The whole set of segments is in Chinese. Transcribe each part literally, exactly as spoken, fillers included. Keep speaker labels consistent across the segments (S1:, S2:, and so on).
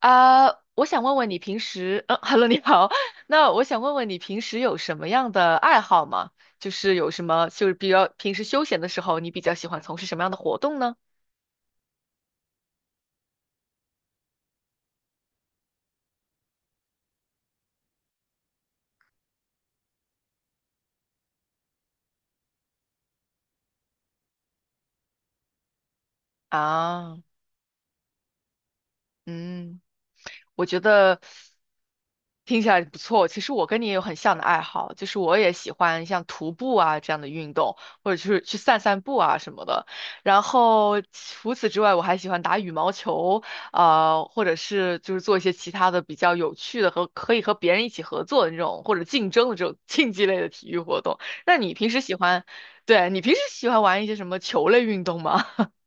S1: 啊，我想问问你平时，嗯，Hello，你好。那我想问问你平时有什么样的爱好吗？就是有什么，就是比较平时休闲的时候，你比较喜欢从事什么样的活动呢？啊嗯，我觉得听起来不错。其实我跟你也有很像的爱好，就是我也喜欢像徒步啊这样的运动，或者就是去散散步啊什么的。然后除此之外，我还喜欢打羽毛球，啊，或者是就是做一些其他的比较有趣的和可以和别人一起合作的那种，或者竞争的这种竞技类的体育活动。那你平时喜欢，对，你平时喜欢玩一些什么球类运动吗？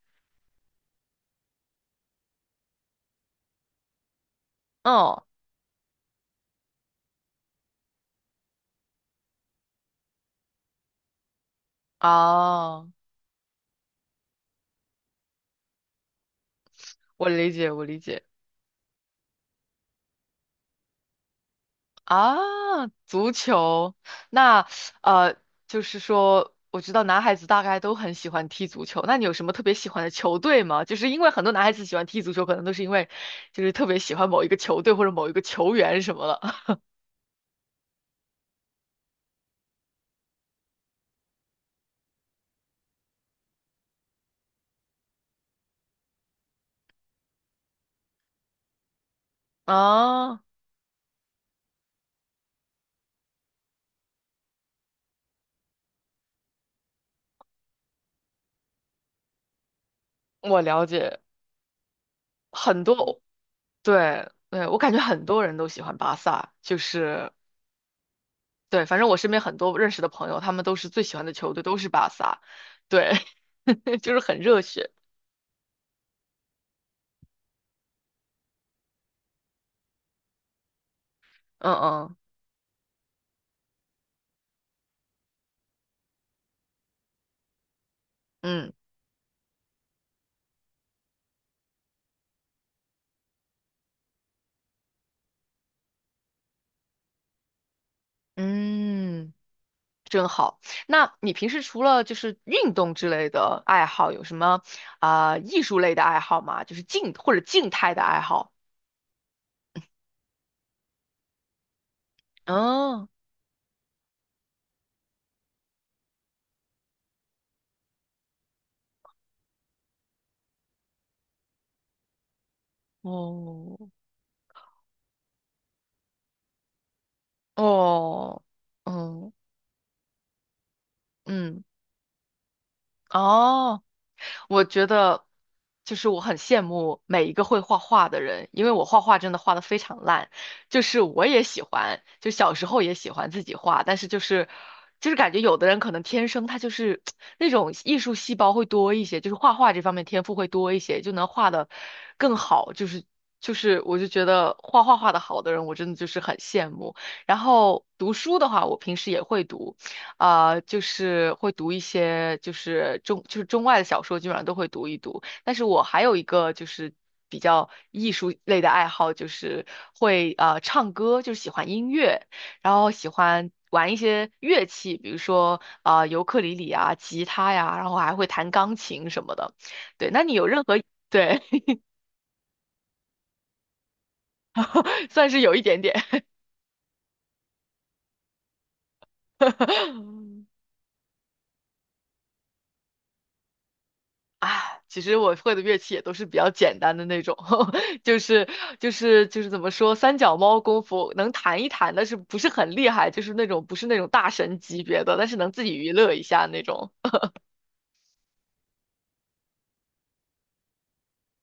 S1: 嗯，啊，我理解，我理解。啊，足球，那呃，就是说，我知道男孩子大概都很喜欢踢足球。那你有什么特别喜欢的球队吗？就是因为很多男孩子喜欢踢足球，可能都是因为就是特别喜欢某一个球队或者某一个球员什么的。啊，我了解，很多，对对，我感觉很多人都喜欢巴萨，就是对，反正我身边很多认识的朋友，他们都是最喜欢的球队都是巴萨，对，就是很热血。嗯嗯嗯。嗯，真好。那你平时除了就是运动之类的爱好，有什么啊、艺术类的爱好吗？就是静或者静态的爱好？嗯，哦，哦，嗯嗯，哦。我觉得就是我很羡慕每一个会画画的人，因为我画画真的画的非常烂，就是我也喜欢，就小时候也喜欢自己画，但是就是就是感觉有的人可能天生他就是那种艺术细胞会多一些，就是画画这方面天赋会多一些，就能画的更好，就是就是我就觉得画画画的好的人，我真的就是很羡慕。然后读书的话，我平时也会读。啊、就是会读一些就是中就是中外的小说，基本上都会读一读。但是我还有一个就是比较艺术类的爱好，就是会呃唱歌，就是喜欢音乐，然后喜欢玩一些乐器，比如说啊、呃尤克里里啊、吉他呀，然后还会弹钢琴什么的。对，那你有任何对 算是有一点点 啊，其实我会的乐器也都是比较简单的那种，就是就是就是怎么说，三脚猫功夫能弹一弹，但是不是很厉害，就是那种不是那种大神级别的，但是能自己娱乐一下那种。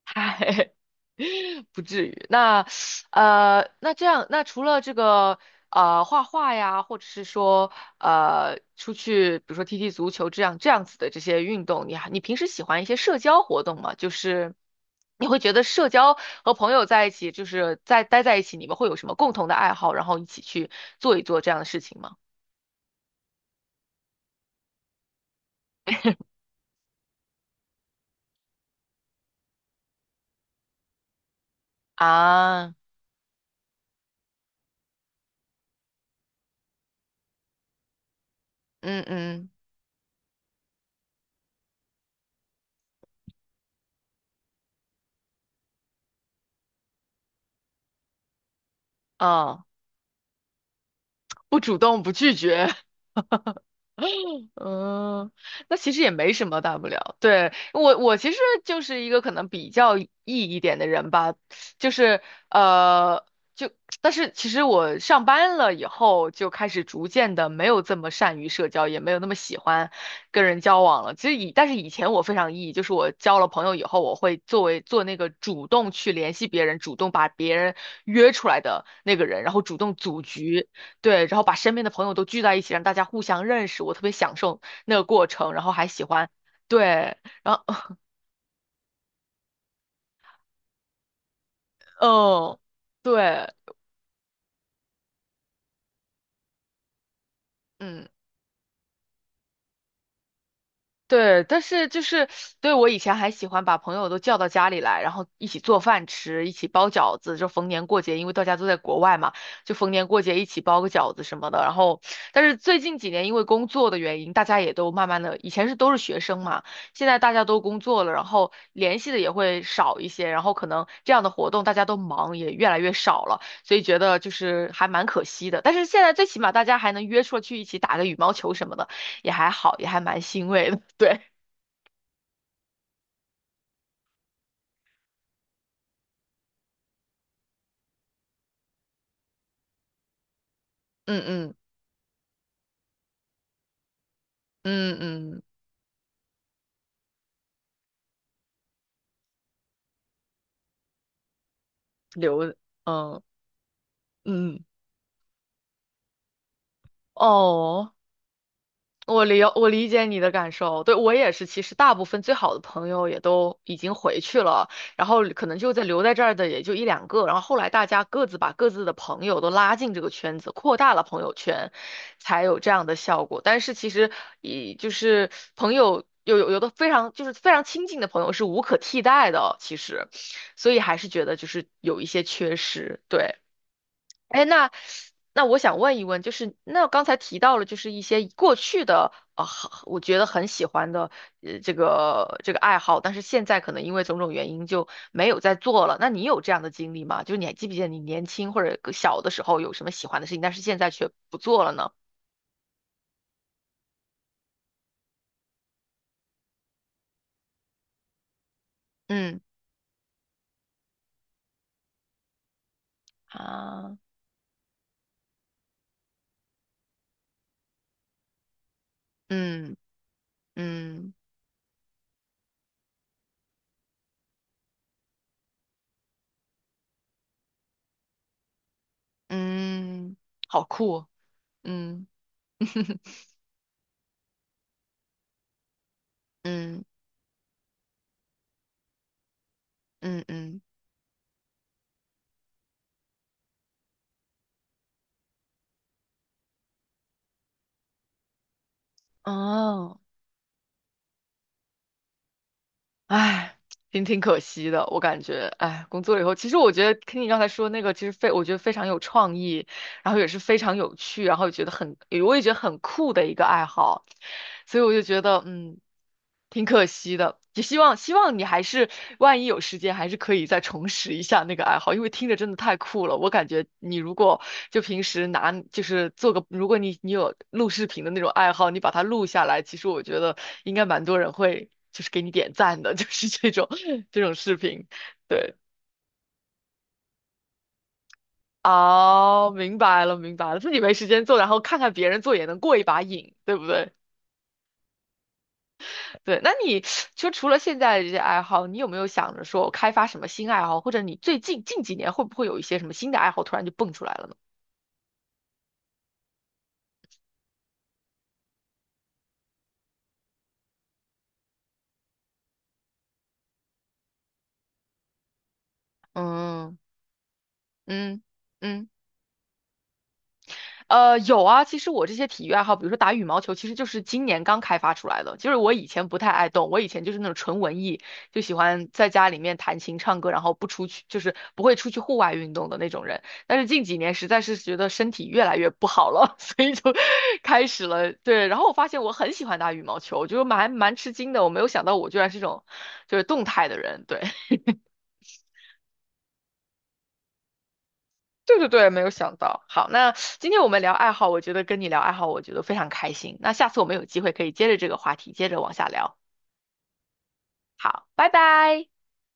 S1: 嗨，不至于。那呃，那这样，那除了这个呃画画呀，或者是说呃出去，比如说踢踢足球这样这样子的这些运动，你还你平时喜欢一些社交活动吗？就是你会觉得社交和朋友在一起，就是在待在一起，你们会有什么共同的爱好，然后一起去做一做这样的事情吗？啊，嗯嗯，啊，不主动，不拒绝。嗯，那其实也没什么大不了。对，我，我其实就是一个可能比较 E 一点的人吧，就是呃，就但是其实我上班了以后，就开始逐渐的没有这么善于社交，也没有那么喜欢跟人交往了。其实以但是以前我非常 E，就是我交了朋友以后，我会作为做那个主动去联系别人，主动把别人约出来的那个人，然后主动组局。对，然后把身边的朋友都聚在一起，让大家互相认识，我特别享受那个过程，然后还喜欢，对，然后 嗯，对，嗯。对，但是就是，对，我以前还喜欢把朋友都叫到家里来，然后一起做饭吃，一起包饺子，就逢年过节，因为大家都在国外嘛，就逢年过节一起包个饺子什么的。然后，但是最近几年因为工作的原因，大家也都慢慢的，以前是都是学生嘛，现在大家都工作了，然后联系的也会少一些，然后可能这样的活动大家都忙，也越来越少了，所以觉得就是还蛮可惜的。但是现在最起码大家还能约出去一起打个羽毛球什么的。也还好，也还蛮欣慰的。对，嗯嗯嗯嗯，留，嗯嗯，哦。我理我理解你的感受，对，我也是。其实大部分最好的朋友也都已经回去了，然后可能就在留在这儿的也就一两个。然后后来大家各自把各自的朋友都拉进这个圈子，扩大了朋友圈，才有这样的效果。但是其实以就是朋友有有有的非常就是非常亲近的朋友是无可替代的，其实，所以还是觉得就是有一些缺失，对。哎，那那我想问一问，就是那刚才提到了，就是一些过去的啊、呃我觉得很喜欢的呃这个这个爱好，但是现在可能因为种种原因就没有再做了。那你有这样的经历吗？就是你还记不记得你年轻或者小的时候有什么喜欢的事情，但是现在却不做了呢？嗯啊，嗯嗯嗯，好酷哦，嗯 嗯嗯嗯，哦唉，挺挺可惜的，我感觉，唉，工作以后，其实我觉得听你刚才说那个，其实非，我觉得非常有创意，然后也是非常有趣，然后觉得很，我也觉得很酷的一个爱好，所以我就觉得，嗯，挺可惜的。也希望希望你还是，万一有时间，还是可以再重拾一下那个爱好，因为听着真的太酷了。我感觉你如果就平时拿，就是做个，如果你你有录视频的那种爱好，你把它录下来，其实我觉得应该蛮多人会，就是给你点赞的，就是这种 这种视频，对。哦，明白了，明白了，自己没时间做，然后看看别人做也能过一把瘾，对不对？对，那你就除了现在的这些爱好，你有没有想着说开发什么新爱好，或者你最近近几年会不会有一些什么新的爱好突然就蹦出来了呢？嗯嗯嗯。呃，有啊，其实我这些体育爱好，比如说打羽毛球，其实就是今年刚开发出来的。就是我以前不太爱动，我以前就是那种纯文艺，就喜欢在家里面弹琴唱歌，然后不出去，就是不会出去户外运动的那种人。但是近几年实在是觉得身体越来越不好了，所以就开始了。对，然后我发现我很喜欢打羽毛球，我就蛮蛮吃惊的，我没有想到我居然是这种就是动态的人。对，对对对，没有想到。好，那今天我们聊爱好，我觉得跟你聊爱好，我觉得非常开心。那下次我们有机会可以接着这个话题，接着往下聊。好，拜拜。